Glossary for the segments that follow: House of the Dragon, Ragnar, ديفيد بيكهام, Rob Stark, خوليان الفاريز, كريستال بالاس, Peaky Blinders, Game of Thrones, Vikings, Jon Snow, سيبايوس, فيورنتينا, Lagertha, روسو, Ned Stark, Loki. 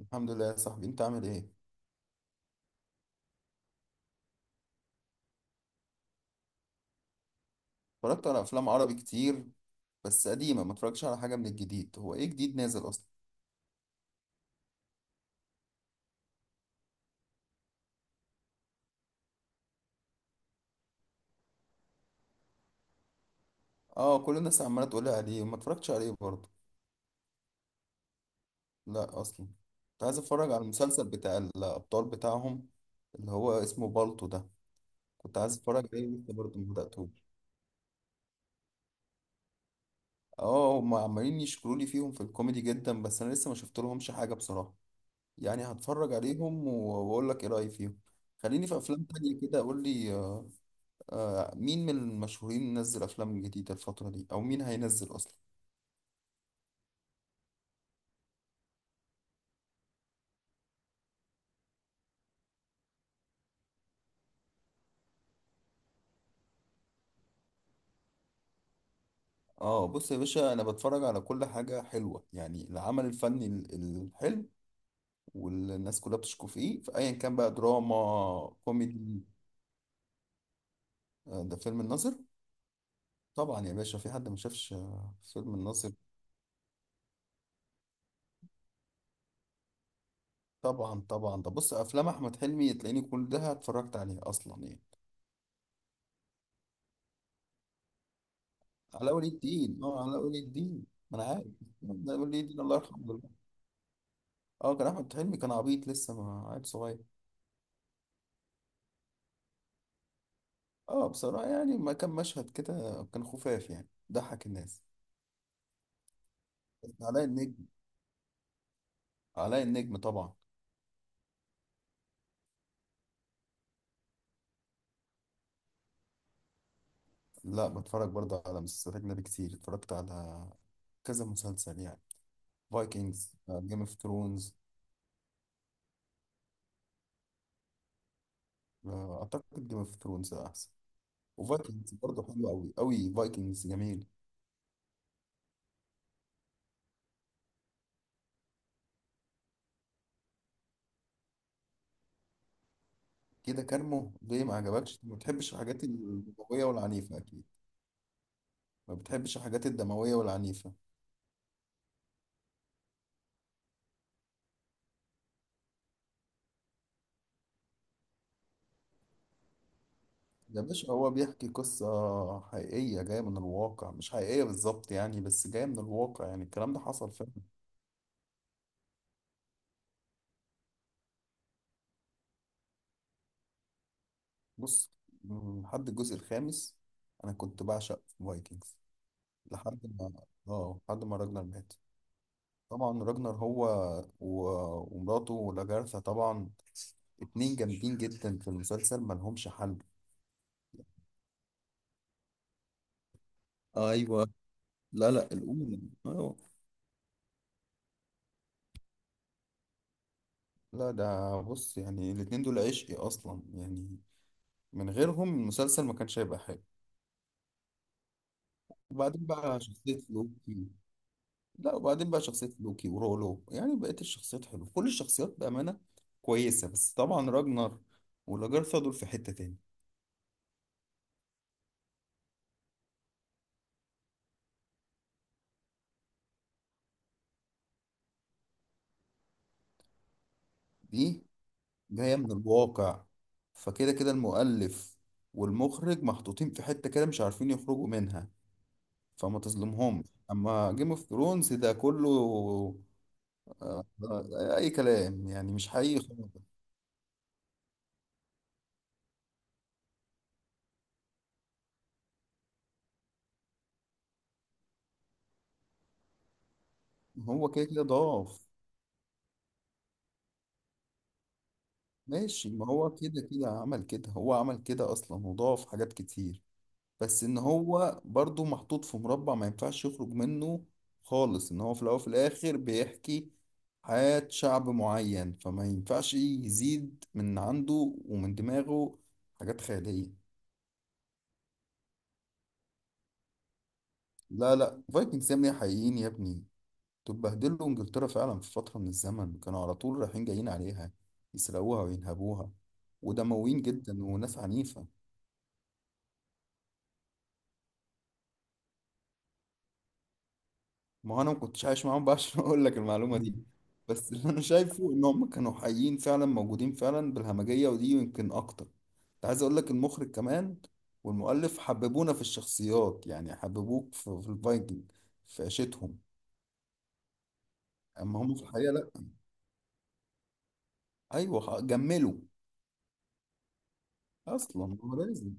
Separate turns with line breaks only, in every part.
الحمد لله يا صاحبي، انت عامل ايه؟ اتفرجت على افلام عربي كتير، بس قديمه. ما اتفرجتش على حاجه من الجديد. هو ايه جديد نازل اصلا؟ اه، كل الناس عماله تقول لي عليه وما اتفرجتش عليه برضه. لا اصلا. كنت عايز اتفرج على المسلسل بتاع الابطال بتاعهم، اللي هو اسمه بالطو ده. كنت عايز اتفرج عليه لسه، برضه ما بداتهوش. اه، هم عمالين يشكروا لي فيهم في الكوميدي جدا، بس انا لسه ما شفت لهمش حاجه بصراحه. يعني هتفرج عليهم واقول لك ايه رايي فيهم. خليني في افلام تانية كده. قول لي آه مين من المشهورين نزل افلام جديده الفتره دي؟ او مين هينزل اصلا؟ اه، بص يا باشا، انا بتفرج على كل حاجه حلوه، يعني العمل الفني الحلو والناس كلها بتشكو فيه، فايا كان بقى دراما كوميدي. آه، ده فيلم الناظر. طبعا يا باشا، في حد ما شافش فيلم الناظر؟ طبعا طبعا، ده بص افلام احمد حلمي تلاقيني كلها اتفرجت عليها اصلا يعني. علاء ولي الدين، اه علاء ولي الدين. ما انا عارف. علاء ولي الدين الله يرحمه دلوقتي. اه، كان احمد حلمي كان عبيط لسه، ما عيل صغير. اه، بصراحة يعني ما كان مشهد كده، كان خفاف يعني ضحك الناس. علاء النجم. علاء النجم طبعا. لا، بتفرج برضه على مسلسلات أجنبي كتير. اتفرجت على كذا مسلسل يعني. فايكنجز، جيم اوف ثرونز. أعتقد جيم اوف ثرونز أحسن. وفايكنجز برضه حلو أوي أوي، فايكنجز جميل. كده كارمو ليه؟ ما عجبكش؟ ما بتحبش الحاجات الدموية والعنيفة أكيد. ما بتحبش الحاجات الدموية والعنيفة. يا باشا، هو بيحكي قصة حقيقية جاية من الواقع، مش حقيقية بالظبط يعني، بس جاية من الواقع. يعني الكلام ده حصل فعلا. بص، لحد الجزء الخامس أنا كنت بعشق فايكنجز. لحد ما اه لحد ما راجنر مات. طبعا راجنر هو و... ومراته لاجارثا طبعا. اتنين جامدين جدا في المسلسل، ملهمش حل. ايوه. لا، لا، الأولى. ايوه. لا، ده بص يعني الاتنين دول عشقي أصلا يعني. من غيرهم المسلسل ما كانش هيبقى حلو. وبعدين بقى شخصية لوكي. لا، وبعدين بقى شخصية لوكي ورولو. يعني بقيت الشخصيات حلوة، كل الشخصيات بأمانة كويسة، بس طبعا راجنر ولاجرثا دول في حتة تاني. دي جاية من الواقع، فكده كده المؤلف والمخرج محطوطين في حتة كده مش عارفين يخرجوا منها، فما تظلمهمش. أما جيم اوف ثرونز ده كله أي كلام، يعني مش حقيقي خالص. هو كده كده ضعف. ماشي، ما هو كده كده عمل كده، هو عمل كده اصلا وضاف حاجات كتير. بس ان هو برضو محطوط في مربع ما ينفعش يخرج منه خالص. ان هو في الاول وفي الاخر بيحكي حياة شعب معين، فما ينفعش يزيد من عنده ومن دماغه حاجات خيالية. لا، لا، فايكنجز يا ابني، حقيقيين يا ابني. دول بهدلوا انجلترا فعلا في فترة من الزمن، كانوا على طول رايحين جايين عليها يسرقوها وينهبوها، ودمويين جدا وناس عنيفة. ما هو انا ما كنتش عايش معاهم بقى عشان اقول لك المعلومه دي. بس اللي انا شايفه ان هم كانوا حقيقيين فعلا، موجودين فعلا بالهمجيه، ودي يمكن اكتر. كنت عايز اقول لك، المخرج كمان والمؤلف حببونا في الشخصيات، يعني حببوك في الفايكنج، في عيشتهم. اما هم في الحقيقه لا. ايوه، جملوا اصلا. هو لازم.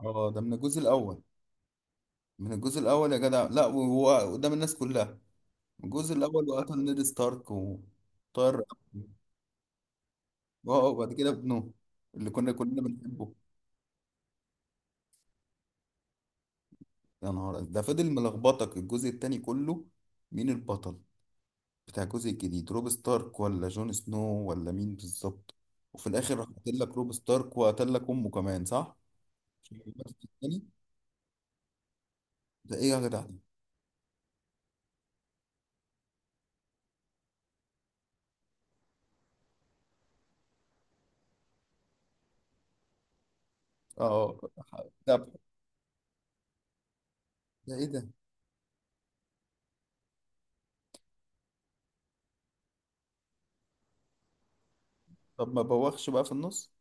اه، ده من الجزء الاول. من الجزء الاول يا جدع، لا وهو قدام الناس كلها. من الجزء الاول، وقتل نيد ستارك وطار. اه، وبعد كده ابنه اللي كنا كلنا بنحبه. يا نهار ده فضل ملخبطك الجزء التاني كله. مين البطل بتاع الجزء الجديد؟ روب ستارك ولا جون سنو ولا مين بالظبط؟ وفي الاخر راح قاتل لك روب ستارك وقتل لك امه كمان صح؟ مش الجزء التاني؟ ده ايه يا جدع دي؟ اه. ده ده ايه ده؟ طب ما بوخش بقى في النص؟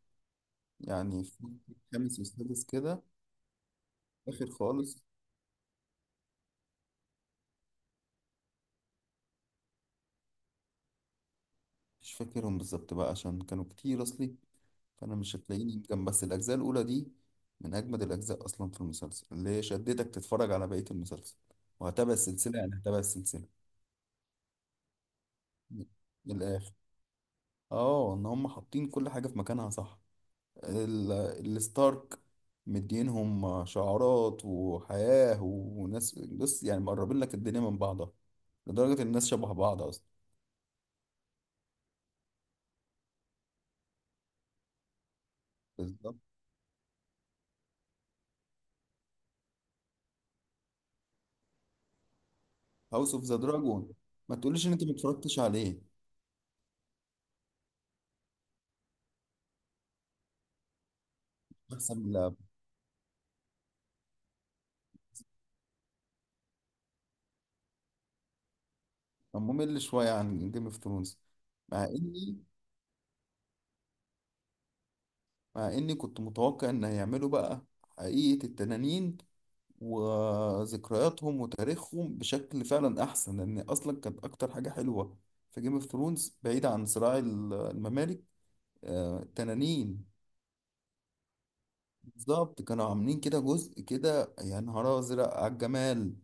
يعني في الخامس والسادس كده. اخر خالص. مش فاكرهم بالظبط بقى عشان كانوا كتير اصلي. فانا مش هتلاقيني جنب. بس الاجزاء الاولى دي من اجمد الاجزاء اصلا في المسلسل، اللي هي شدتك تتفرج على بقيه المسلسل وهتابع السلسله، يعني هتابع السلسله من الاخر. اه، ان هم حاطين كل حاجه في مكانها صح. ال- الستارك، مدينهم شعارات وحياه وناس. بص، يعني مقربين لك الدنيا من بعضها، لدرجه ان الناس شبه بعض اصلا. بالظبط. هاوس اوف ذا دراجون. ما تقوليش ان انت ما اتفرجتش عليه. احسن. كان ممل شوية عن جيم اوف ثرونز. مع اني مع اني كنت متوقع ان هيعملوا بقى حقيقة التنانين وذكرياتهم وتاريخهم بشكل فعلا احسن، لان اصلا كانت اكتر حاجة حلوة في جيم اوف ثرونز بعيد عن صراع الممالك. التنانين. بالظبط، كانوا عاملين كده جزء كده يا نهار ازرق على الجمال.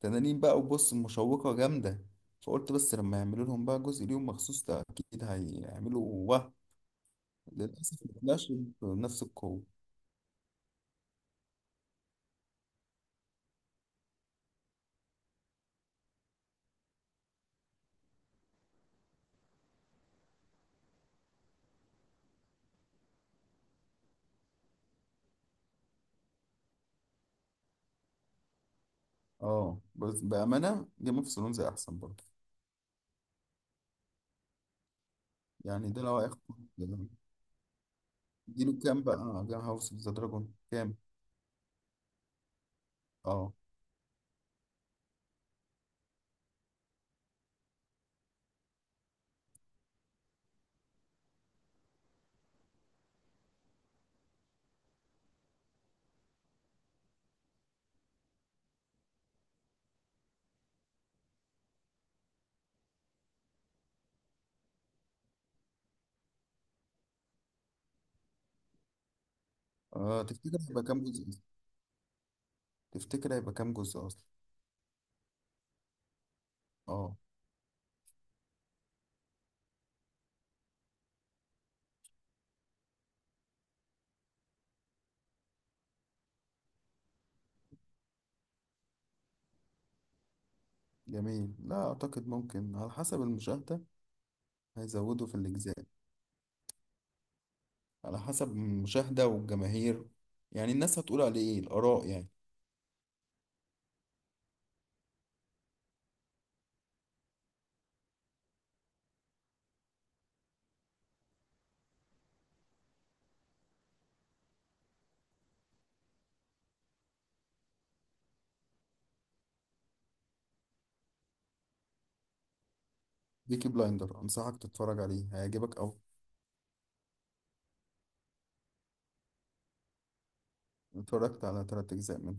تنانين بقى وبص مشوقة جامدة. فقلت بس لما يعملوا لهم بقى جزء ليهم مخصوص، ده اكيد هيعملوا. للأسف ما طلعش بنفس القوة. اه، بس بأمانة جيم اوف ثرونز أحسن برضه. يعني ده لو هياخد، اديله كام بقى؟ جيم هاوس اوف ذا دراجون كام؟ اه. تفتكر هيبقى كام جزء أصلا؟ تفتكر هيبقى كام جزء أصلا؟ اه. جميل. لا أعتقد، ممكن على حسب المشاهدة هيزودوا في الأجزاء. على حسب المشاهدة والجماهير، يعني الناس هتقول عليه إيه الآراء يعني. بيكي بلايندر أنصحك تتفرج عليه، هيعجبك أوي. اتفرجت على تلات أجزاء منه.